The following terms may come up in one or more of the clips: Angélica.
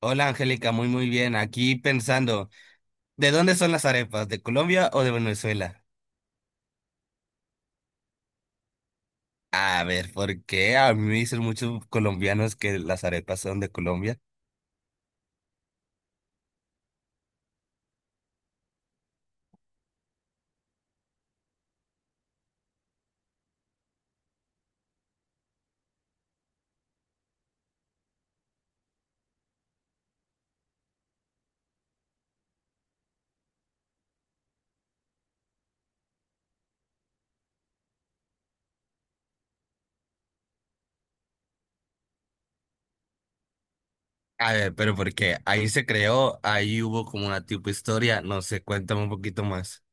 Hola Angélica, muy muy bien. Aquí pensando, ¿de dónde son las arepas? ¿De Colombia o de Venezuela? A ver, ¿por qué? A mí me dicen muchos colombianos que las arepas son de Colombia. A ver, pero ¿por qué? Ahí se creó, ahí hubo como una tipo historia, no sé, cuéntame un poquito más.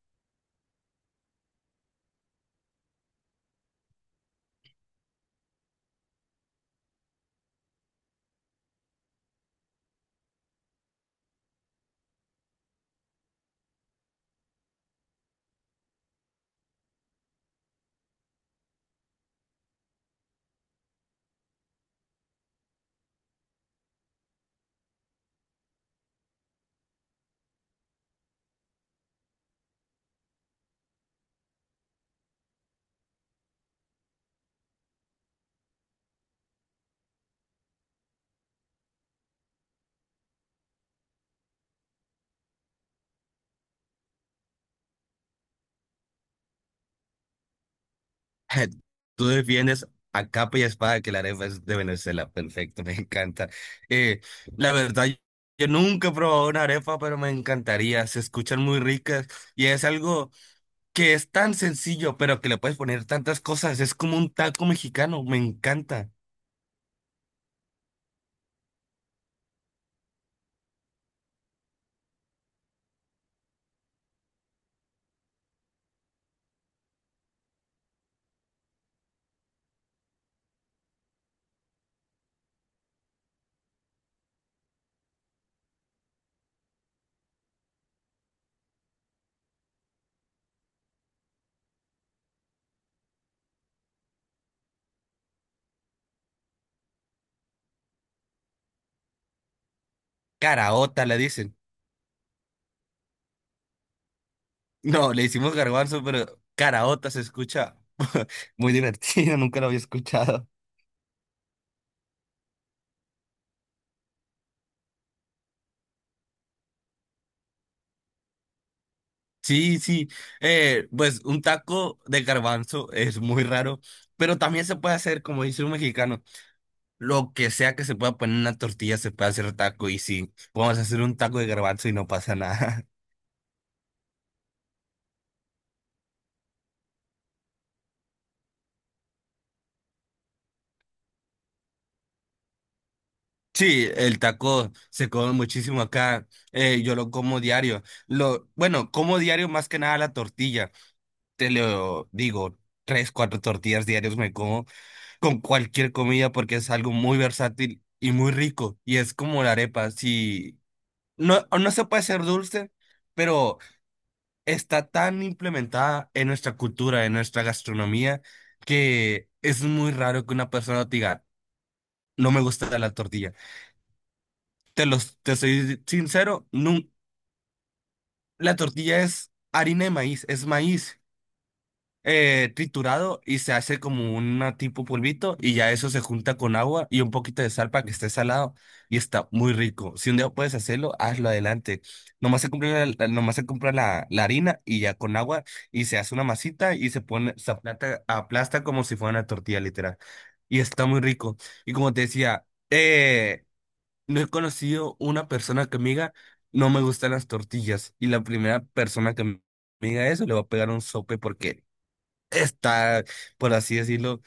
Tú defiendes a capa y espada que la arepa es de Venezuela, perfecto, me encanta. Eh, la verdad, yo nunca he probado una arepa, pero me encantaría, se escuchan muy ricas y es algo que es tan sencillo, pero que le puedes poner tantas cosas. Es como un taco mexicano, me encanta. Caraota le dicen. No, le hicimos garbanzo, pero caraota se escucha muy divertido, nunca lo había escuchado. Sí, sí, pues un taco de garbanzo es muy raro, pero también se puede hacer, como dice un mexicano, lo que sea que se pueda poner en una tortilla se puede hacer taco y sí, podemos hacer un taco de garbanzo y no pasa nada. Sí, el taco se come muchísimo acá. Yo lo como diario. Lo, bueno, como diario más que nada la tortilla. Te lo digo, tres, cuatro tortillas diarios me como con cualquier comida porque es algo muy versátil y muy rico. Y es como la arepa. Si no, no se puede ser dulce, pero está tan implementada en nuestra cultura, en nuestra gastronomía, que es muy raro que una persona te diga, no me gusta la tortilla. Te los, te soy sincero, la tortilla es harina de maíz, es maíz triturado y se hace como una tipo polvito y ya eso se junta con agua y un poquito de sal para que esté salado y está muy rico. Si un día puedes hacerlo, hazlo adelante. Nomás se compra la, la harina y ya con agua y se hace una masita y se pone, aplasta como si fuera una tortilla literal. Y está muy rico. Y como te decía, no he conocido una persona que me diga, no me gustan las tortillas. Y la primera persona que me diga eso le va a pegar un sope porque está, por así decirlo,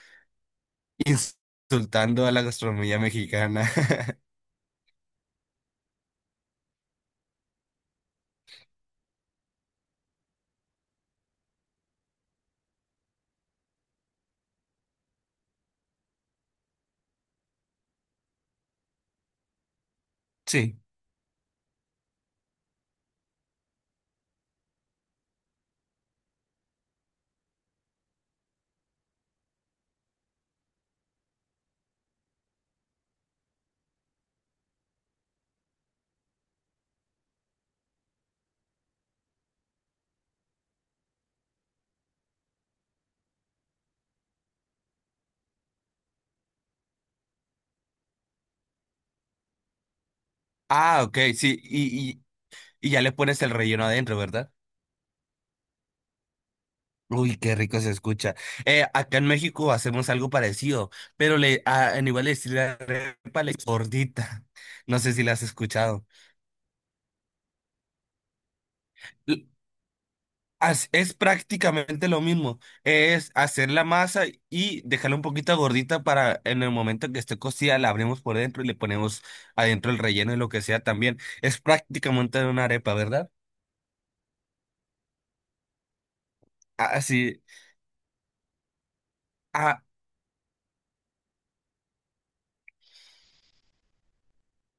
insultando a la gastronomía mexicana. Sí. Ah, ok, sí. Y ya le pones el relleno adentro, ¿verdad? Uy, qué rico se escucha. Acá en México hacemos algo parecido, pero le, a, en igual le decimos la arepa, le gordita. No sé si la has escuchado. Es prácticamente lo mismo, es hacer la masa y dejarla un poquito gordita para en el momento que esté cocida la abrimos por dentro y le ponemos adentro el relleno y lo que sea también. Es prácticamente una arepa, ¿verdad? Ah, sí, ah,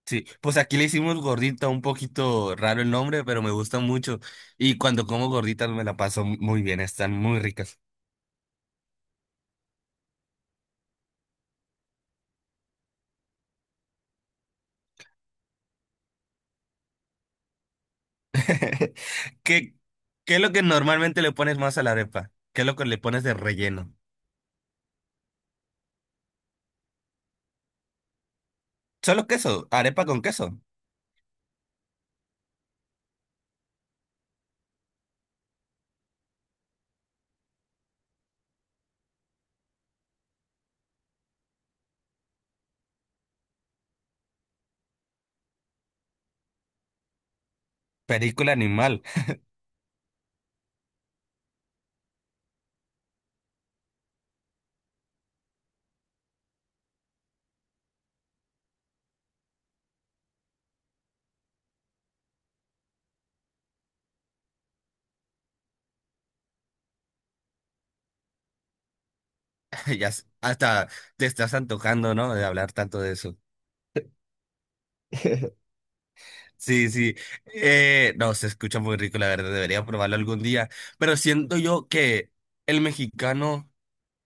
sí. Pues aquí le hicimos gordita, un poquito raro el nombre, pero me gusta mucho y cuando como gorditas me la paso muy bien, están muy ricas. ¿Qué, ¿qué es lo que normalmente le pones más a la arepa? ¿Qué es lo que le pones de relleno? ¿Solo queso? ¿Arepa con queso? Película animal. Hasta te estás antojando, ¿no? De hablar tanto de eso. Sí, sí. No, se escucha muy rico, la verdad. Debería probarlo algún día. Pero siento yo que el mexicano.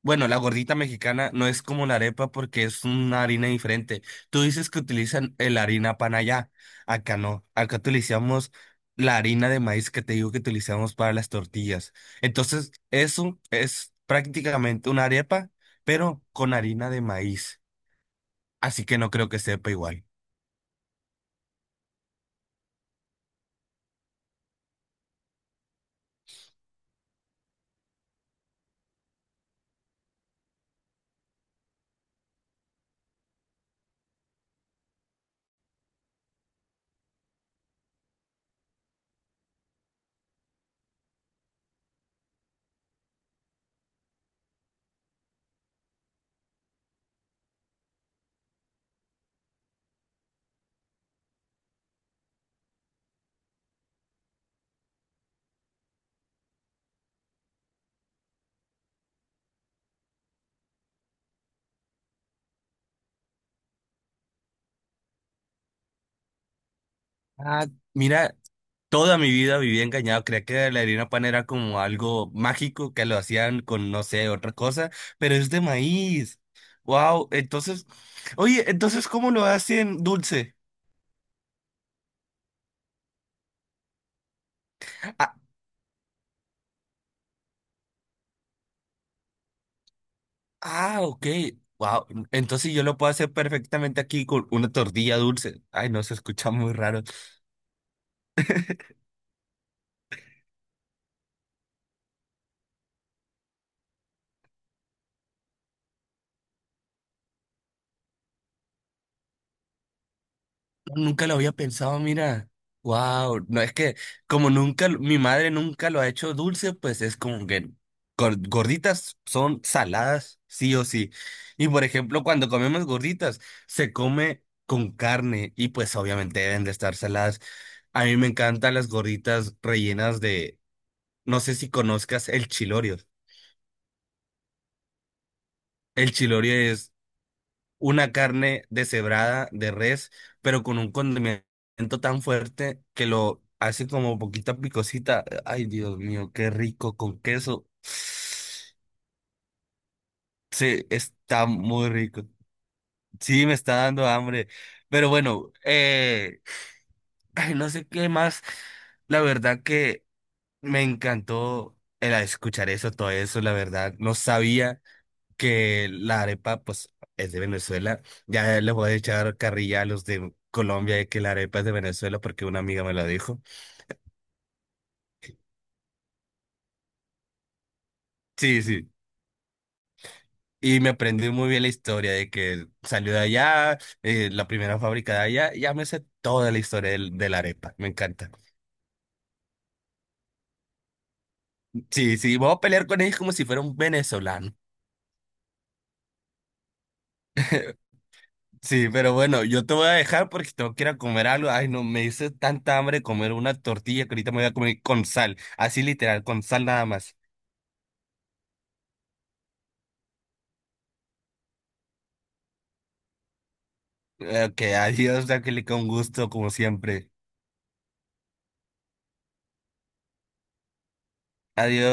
Bueno, la gordita mexicana no es como la arepa porque es una harina diferente. Tú dices que utilizan la harina pan allá. Acá no. Acá utilizamos la harina de maíz que te digo que utilizamos para las tortillas. Entonces, eso es prácticamente una arepa, pero con harina de maíz. Así que no creo que sepa igual. Ah, mira, toda mi vida viví engañado. Creía que la harina pan era como algo mágico que lo hacían con, no sé, otra cosa, pero es de maíz. Wow, entonces, oye, entonces, ¿cómo lo hacen dulce? Ah, ah, ok. Wow, entonces yo lo puedo hacer perfectamente aquí con una tortilla dulce. Ay, no, se escucha muy raro. Nunca lo había pensado, mira. Wow, no es que como nunca, mi madre nunca lo ha hecho dulce, pues es como que gorditas son saladas, sí o sí. Y por ejemplo, cuando comemos gorditas, se come con carne y pues obviamente deben de estar saladas. A mí me encantan las gorditas rellenas de, no sé si conozcas el chilorio. El chilorio es una carne deshebrada de res, pero con un condimento tan fuerte que lo hace como poquita picosita. Ay, Dios mío, qué rico con queso. Sí, está muy rico. Sí, me está dando hambre. Pero bueno, ay, no sé qué más. La verdad que me encantó el escuchar eso, todo eso, la verdad. No sabía que la arepa, pues, es de Venezuela. Ya les voy a echar carrilla a los de Colombia de que la arepa es de Venezuela porque una amiga me lo dijo. Sí, sí. Y me aprendí muy bien la historia de que salió de allá, la primera fábrica de allá. Ya me sé toda la historia de la arepa. Me encanta. Sí, sí. Vamos a pelear con ellos como si fuera un venezolano. Sí, pero bueno, yo te voy a dejar porque tengo que ir a comer algo. Ay, no, me hice tanta hambre de comer una tortilla que ahorita me voy a comer con sal. Así literal, con sal nada más. Ok, adiós, Angélica, un gusto como siempre. Adiós.